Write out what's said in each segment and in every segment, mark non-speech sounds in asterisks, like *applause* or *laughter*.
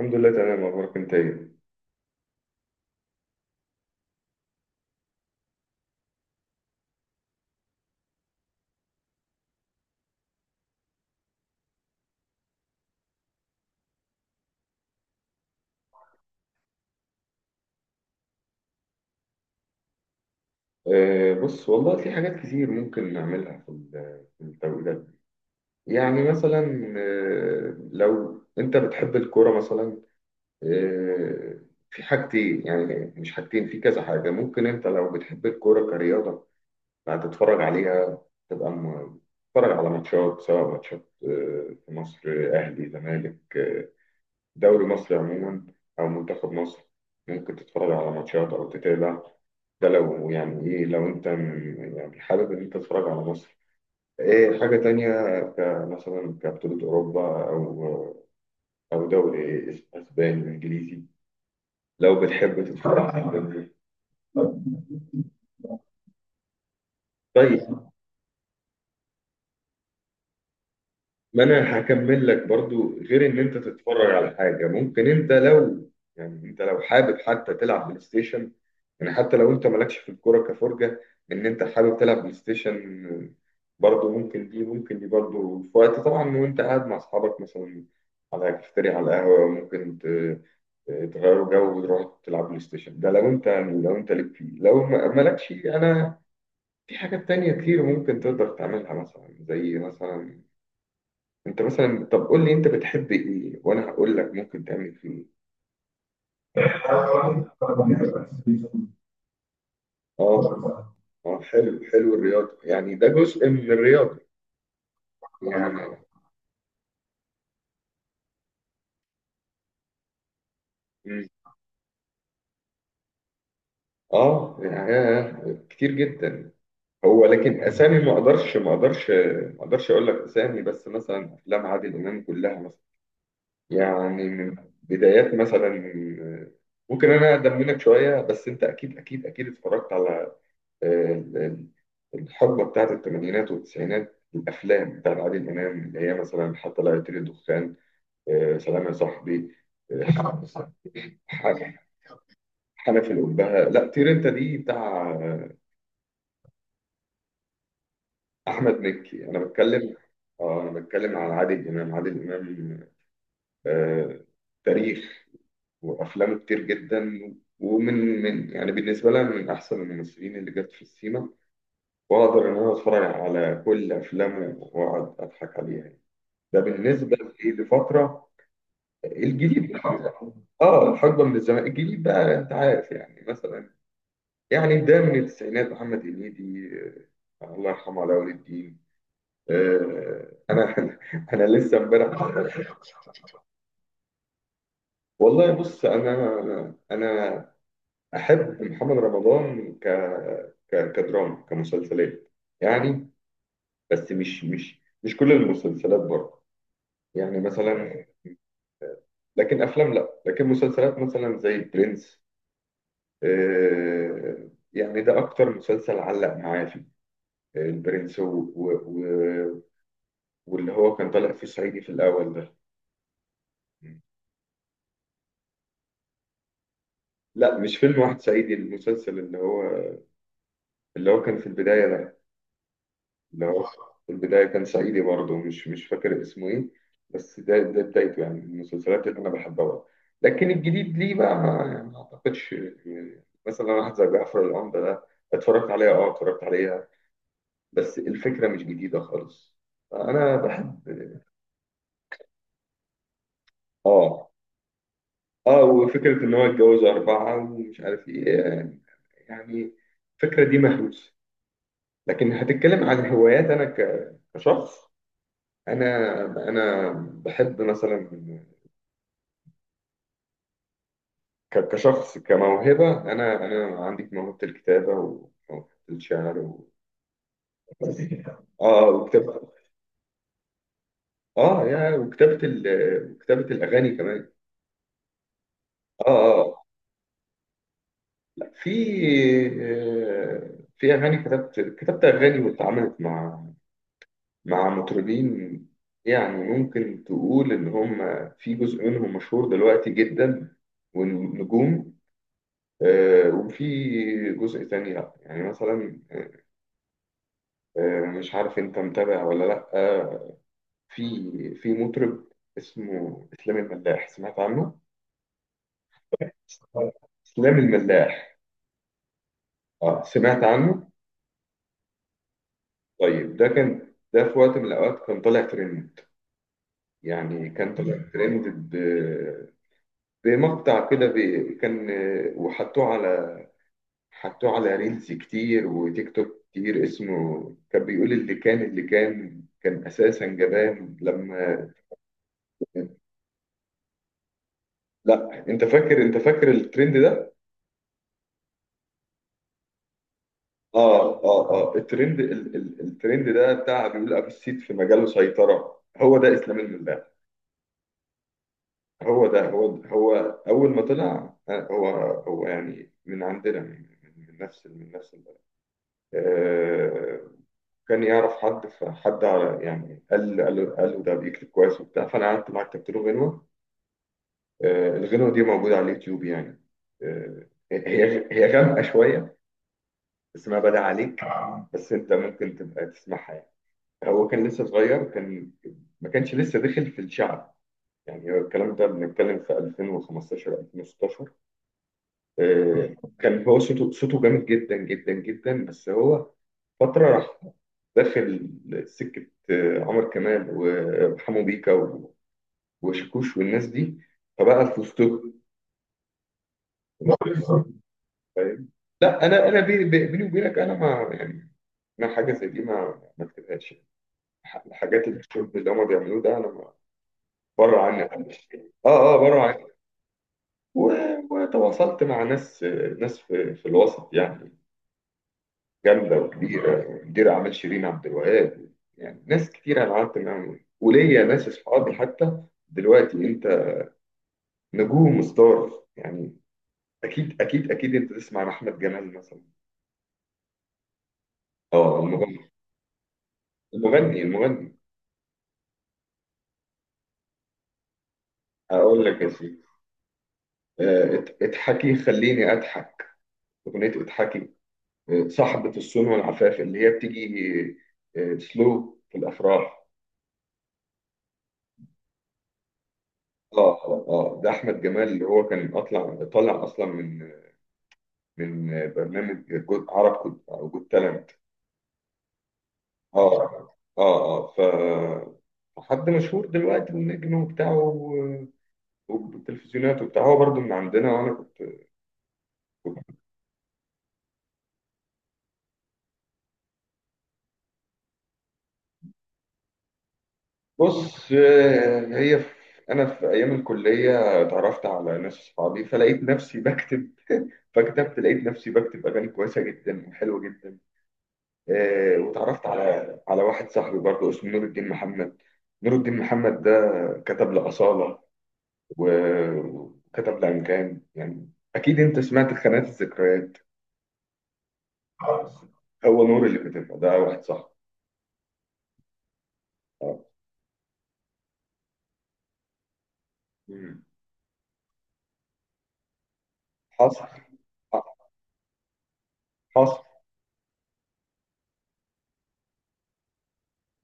الحمد لله تمام، اخبارك انت ايه؟ بص والله في حاجات كتير ممكن نعملها في التوقيت ده. يعني مثلا، لو انت بتحب الكوره مثلا، آه، في حاجتين، يعني مش حاجتين، في كذا حاجه ممكن. انت لو بتحب الكوره كرياضه هتتفرج عليها، تبقى م- تتفرج على ماتشات، سواء ماتشات في مصر، اهلي زمالك، دوري مصر عموما، أو منتخب مصر. ممكن تتفرج على ماتشات أو تتابع. ده لو يعني إيه، لو أنت يعني حابب إن أنت تتفرج على مصر. إيه، حاجة تانية كمثلا كبطولة أوروبا، أو أو دوري إسباني إنجليزي، لو بتحب تتفرج على الدوري. طيب، ما انا هكمل لك برضو. غير ان انت تتفرج على حاجه، ممكن انت لو يعني انت لو حابب حتى تلعب بلاي ستيشن، يعني حتى لو انت مالكش في الكوره كفرجه، ان انت حابب تلعب بلاي ستيشن، برضو ممكن. دي برضو في وقت طبعا، وانت قاعد مع اصحابك مثلا على كافتيريا، على القهوه، ممكن تغيروا جو وتروحوا تلعب بلاي ستيشن. ده لو انت يعني لو انت ليك فيه، لو مالكش انا. في حاجات تانية كتير ممكن تقدر تعملها، مثلا زي مثلا، انت مثلا طب قول لي انت بتحب ايه وانا هقول لك ممكن تعمل فيه إيه. اه، اه حلو حلو، الرياضة يعني ده جزء من الرياضة. يعني مم، اه يعني كتير جدا. هو لكن اسامي ما اقدرش اقول لك اسامي، بس مثلا افلام عادل امام كلها مثلا، يعني من بدايات مثلا. ممكن انا اقدم منك شوية، بس انت اكيد اتفرجت على ال- ال- الحقبة بتاعت الثمانينات والتسعينات، الأفلام بتاعت عادل إمام، اللي هي مثلا حتى لا يطير الدخان، سلام يا صاحبي، آه، ح- حنف الأبهة، لا طير أنت، دي بتاع أحمد مكي. أنا بتكلم، آه أنا بتكلم على عادل إمام، عادل إمام، آه، تاريخ، وأفلامه كتير جدا. ومن من يعني بالنسبة لي أنا من أحسن الممثلين اللي جت في السينما، وأقدر إن أنا أتفرج على كل أفلامه وأقعد أضحك عليها. ده بالنسبه لإيه؟ لفتره. الجديد بقى، اه الحقبه من الزمان الجديد بقى، انت عارف يعني مثلا، يعني ده من التسعينات، محمد هنيدي، الله يرحمه علاء ولي الدين، آه، انا، *laughs* انا لسه امبارح. *laughs* والله بص، انا احب محمد رمضان كدراما، كمسلسلات يعني. بس مش كل المسلسلات برضه، يعني مثلا، لكن افلام لا، لكن مسلسلات مثلا زي برنس، آه، يعني ده اكتر مسلسل علق معايا فيه، آه، البرنس و... و... واللي هو كان طالع فيه صعيدي في الاول ده. لا، مش فيلم واحد صعيدي، المسلسل اللي هو كان في البداية ده، اللي هو في البداية كان صعيدي برضه، مش فاكر اسمه ايه، بس ده بدايته، يعني من المسلسلات اللي انا بحبها برضه. لكن الجديد ليه بقى ما يعني ما اعتقدش. يعني مثلا واحد زي جعفر العمدة ده، اتفرجت عليها، اه اتفرجت عليها، بس الفكرة مش جديدة خالص. انا بحب، اه اه، وفكرة ان هو اتجوز اربعة، ومش عارف ايه يعني، يعني الفكرة دي مهووسة. لكن هتتكلم عن هوايات، انا كشخص، انا انا بحب مثلا، كشخص كموهبة، انا عندي موهبة الكتابة وموهبة الشعر اه، وكتابة، اه يا، وكتابة وكتابة الاغاني كمان. اه اه، لا، في، آه، في اغاني، كتبت اغاني واتعاملت مع مع مطربين. يعني ممكن تقول إن هم في جزء منهم مشهور دلوقتي جدا، ونجوم، وفي جزء تاني لأ. يعني مثلا، مش عارف أنت متابع ولا لأ، في في مطرب اسمه إسلام الملاح، سمعت عنه؟ إسلام الملاح، اه سمعت عنه؟ طيب، ده كان، ده في وقت من الأوقات كان طالع ترند، يعني كان طالع ترند، زي مقطع كده كان وحطوه على، حطوه على ريلز كتير، وتيك توك كتير، اسمه كان بيقول، اللي كان كان اساسا جبان، لما، لا انت فاكر، انت فاكر الترند ده؟ اه الترند، ال ال الترند ده بتاع، بيقول ابو السيد في مجاله سيطرة. هو ده اسلام الملاح، هو ده هو، اول ما طلع، هو يعني من عندنا، من نفس، من نفس البلد، آه، كان يعرف حد، فحد على- يعني، قال له ده بيكتب كويس وبتاع، فانا قعدت معاه كتبت له غنوه، الغنوه دي موجوده على اليوتيوب يعني، آه، هي غامقه شويه، اسمها بدع عليك، بس انت ممكن تبقى تسمعها يعني. هو كان لسه صغير، كان ما كانش لسه داخل في الشعب، يعني هو الكلام ده بنتكلم في 2015 2016، آه، كان هو صوته، صوته جامد جدا، بس هو فترة راح داخل سكة عمر كمال، وحمو بيكا وشاكوش والناس دي، فبقى في وسطهم. فاهم؟ لا أنا، أنا بيني وبينك، أنا ما يعني، أنا حاجة زي دي ما كتبهاش يعني. الحاجات الشرب اللي هما بيعملوه ده، أنا بره عني خالص. آه، آه بره عني. و- وتواصلت مع ناس، ناس في في الوسط يعني، جامده وكبيره، مدير اعمال شيرين عبد الوهاب. يعني ناس كتير انا قعدت معاهم، وليا ناس اصحابي حتى دلوقتي. انت، نجوم وستار يعني، اكيد انت تسمع عن احمد جمال مثلا. اه المغني المغني. اقول لك يا سيدي، اضحكي، خليني اضحك، اغنيه اضحكي، صاحبه الصون والعفاف، اللي هي بتيجي سلو في الافراح. اه آه، ده احمد جمال، اللي هو كان اطلع، طالع اصلا من من برنامج جزء عرب كود، او جود تالنت. اه اه اه ف حد مشهور دلوقتي ونجم وبتاع، والتلفزيونات وبتاع، هو برضو من عندنا، وانا كنت. بص، آه، هي في، انا في ايام الكليه اتعرفت على ناس اصحابي، فلقيت نفسي بكتب، *laughs* فكتبت، لقيت نفسي بكتب اغاني كويسه جدا وحلوه جدا. آه واتعرفت على على واحد صاحبي برضه اسمه نور الدين محمد. نور الدين محمد ده كتب لأصالة وكتب لأنغام. يعني أكيد أنت سمعت خانات الذكريات، هو نور اللي كتبها. ده واحد صح. آه. مم. حصل، حصل،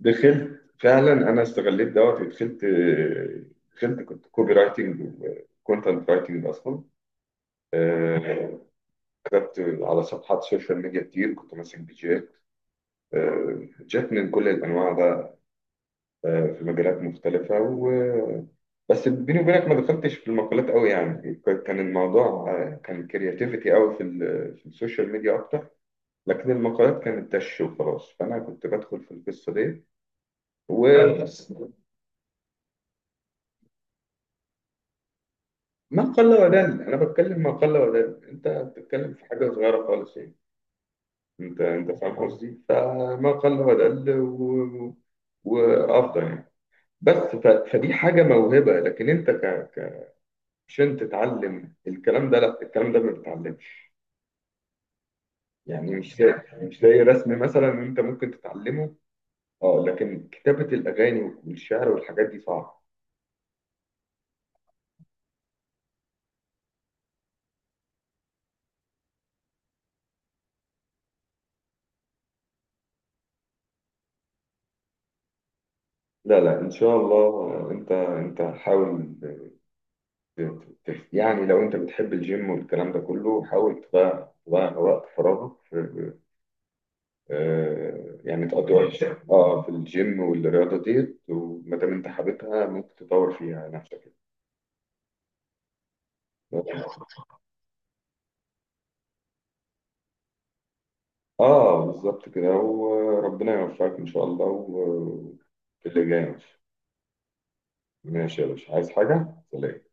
دخلت فعلا، أنا استغليت دوت ودخلت، دخلت كنت كوبي رايتنج وكونتنت رايتنج أصلا. آه، كتبت على صفحات سوشيال ميديا كتير، كنت ماسك بيجات، جات من كل الأنواع بقى، في مجالات مختلفة، و بس بيني وبينك ما دخلتش في المقالات قوي، يعني كان الموضوع كان كرياتيفيتي قوي في, في السوشيال ميديا أكتر. لكن المقالات كانت دش وخلاص، فأنا كنت بدخل في القصة دي وبس. ما قل ودل، أنا بتكلم ما قل ودل، أنت بتتكلم في حاجة صغيرة خالص يعني. أنت فاهم قصدي، فما قل ودل وأفضل يعني. بس فدي حاجة موهبة. لكن أنت ك... عشان تتعلم الكلام ده، لا الكلام ده ما بيتعلمش. يعني مش زي، مش زي رسم مثلا انت ممكن تتعلمه، اه، لكن كتابة الأغاني والشعر والحاجات دي صعبة. لا لا ان شاء الله، انت حاول يعني لو انت بتحب الجيم والكلام ده كله، حاول تضيع، تضيع وقت فراغك في يعني تقضي وقت، اه في الجيم والرياضة ديت. وما دام انت حاببها، ممكن تطور فيها نفسك. اه بالظبط كده، وربنا يوفقك ان شاء الله في اللي جاي. ماشي، ماشي يا باشا، عايز حاجة؟ سلام.